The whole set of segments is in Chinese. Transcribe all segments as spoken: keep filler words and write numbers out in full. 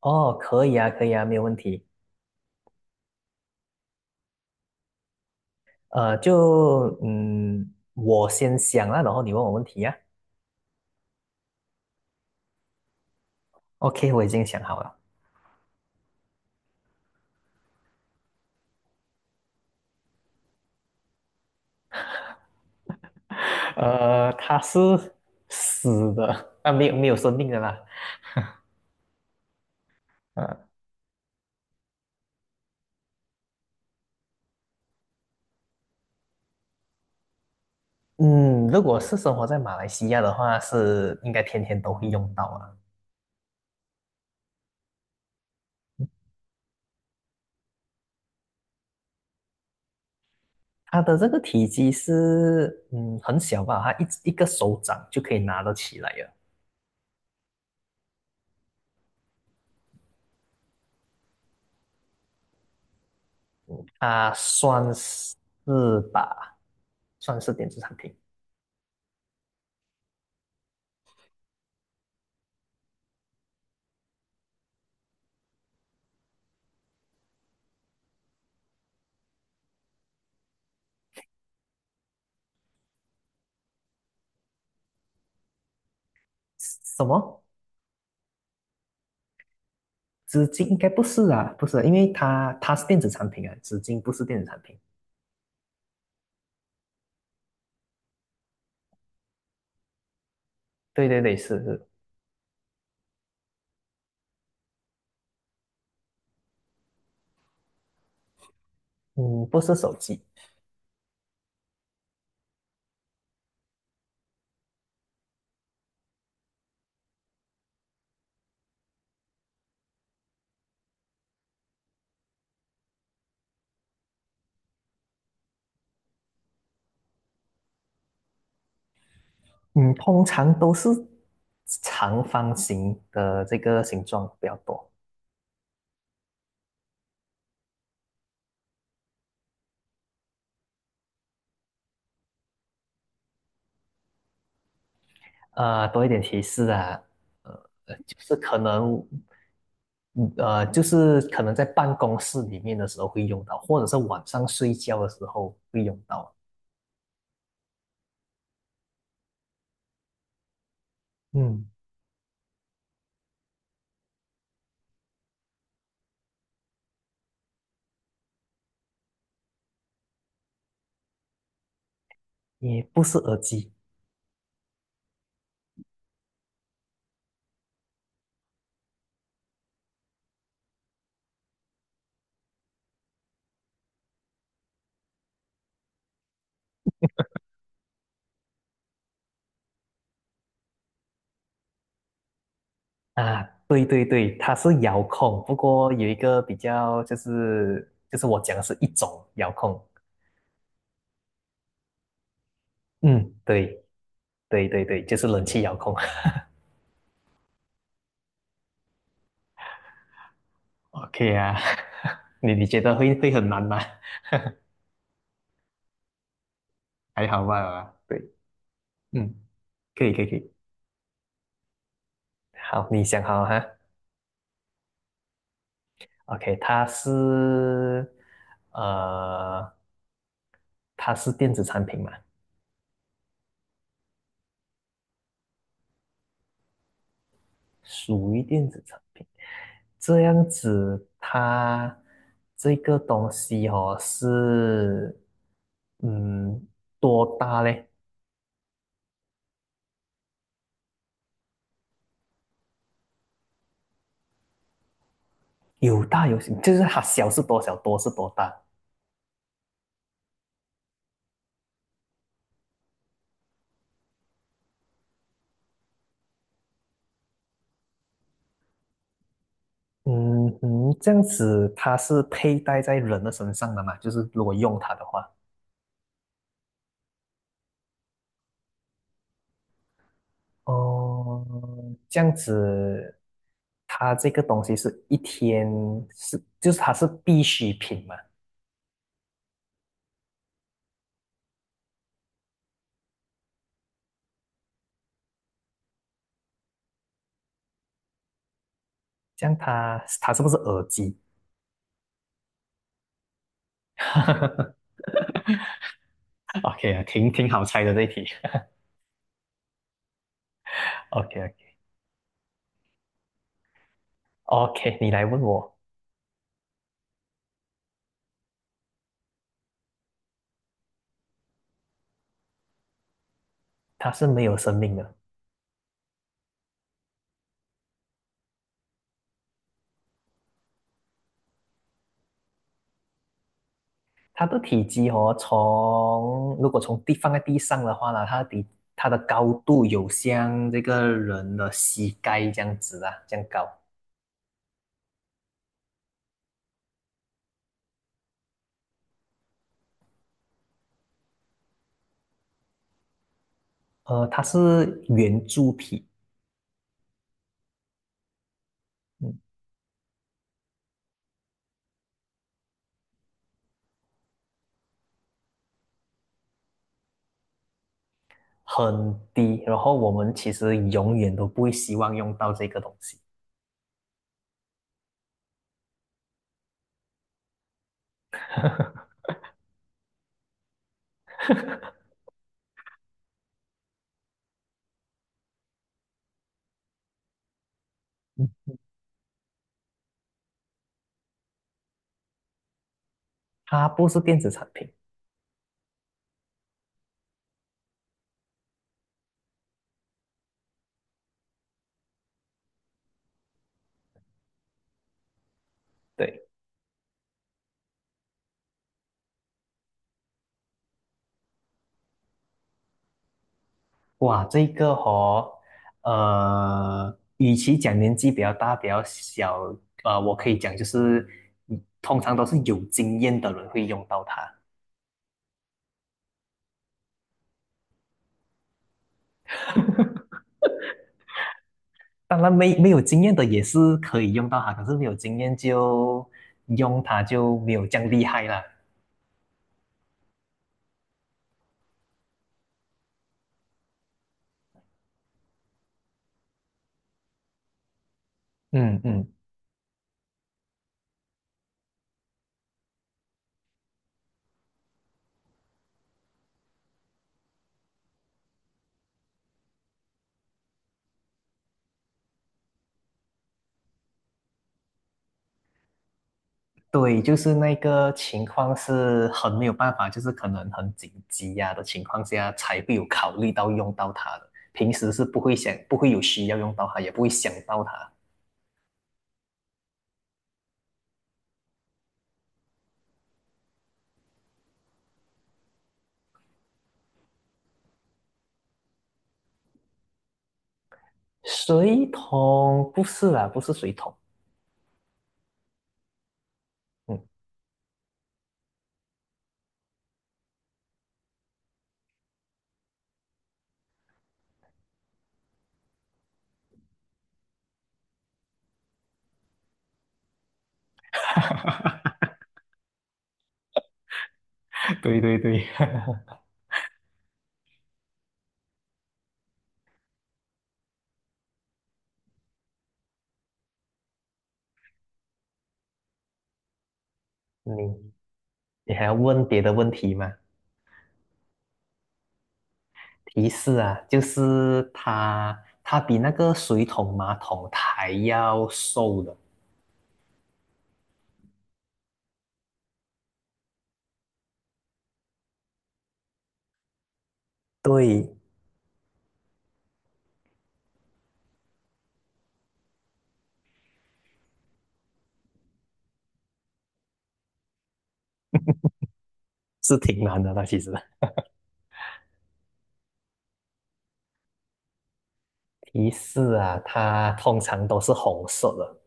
哦，可以啊，可以啊，没有问题。呃，就嗯，我先想啊，然后你问我问题呀。OK，我已经想好了。呃，它是死的，啊，没有没有生命的啦。呃，嗯，如果是生活在马来西亚的话，是应该天天都会用到啊。它的这个体积是嗯很小吧，它一一个手掌就可以拿得起来了。啊，算是吧，算是电子产品。什么？纸巾应该不是啊，不是啊，因为它它是电子产品啊，纸巾不是电子产品。对对对，是是，嗯，不是手机，嗯，通常都是长方形的这个形状比较多。呃，多一点提示啊，呃，就是可能，嗯呃，就是可能在办公室里面的时候会用到，或者是晚上睡觉的时候会用到。嗯，也不是耳机。啊，对对对，它是遥控，不过有一个比较就是就是我讲的是一种遥控，嗯，对对对对，就是冷气遥控。OK 啊，你你觉得会会很难吗？还好吧，对，嗯，可以可以可以。好，你想好了哈？OK，它是呃，它是电子产品嘛？属于电子产品。这样子，它这个东西哦是，嗯，多大嘞？有大有小，就是它小是多小，多是多大。嗯嗯，这样子它是佩戴在人的身上的嘛？就是如果用它的话，哦，这样子，它这个东西是一天是，就是它是必需品嘛？这样它它是不是耳机？OK，啊，挺挺好猜的这一题。OK，OK，OK，你来问我，它是没有生命的，它的体积哦，从如果从地放在地上的话呢，它的底它的高度有像这个人的膝盖这样子啊，这样高。呃，它是圆柱体，嗯，很低。然后我们其实永远都不会希望用到这个东西，它不是电子产品。对。哇，这个哦，呃，与其讲年纪比较大、比较小，呃，我可以讲就是，嗯通常都是有经验的人会用到它。当然没，没有经验的也是可以用到它，可是没有经验就用它就没有这样厉害啦。嗯嗯，对，就是那个情况是很没有办法，就是可能很紧急呀、的情况下才会有考虑到用到它的，平时是不会想，不会有需要用到它，也不会想到它。水桶不是啦，不是水桶。嗯，对对对，你你还要问别的问题吗？提示啊，就是它它比那个水桶马桶还要瘦的。对，是挺难的它其实。提示啊，它通常都是红色的。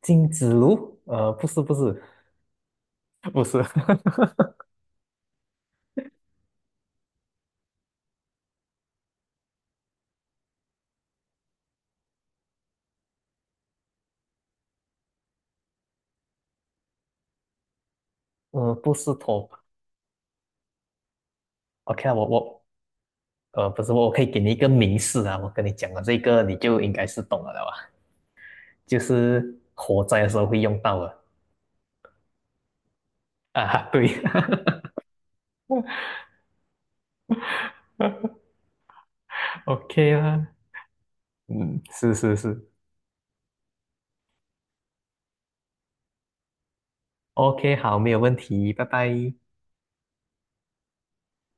金子炉？呃，不是不是，不是，呃，不是头。OK 啊我我呃，不是，我可以给你一个明示啊，我跟你讲了这个，你就应该是懂了的吧？就是火灾的时候会用到的啊，对 ，OK 啦，嗯，是是是，OK，好，没有问题，拜拜。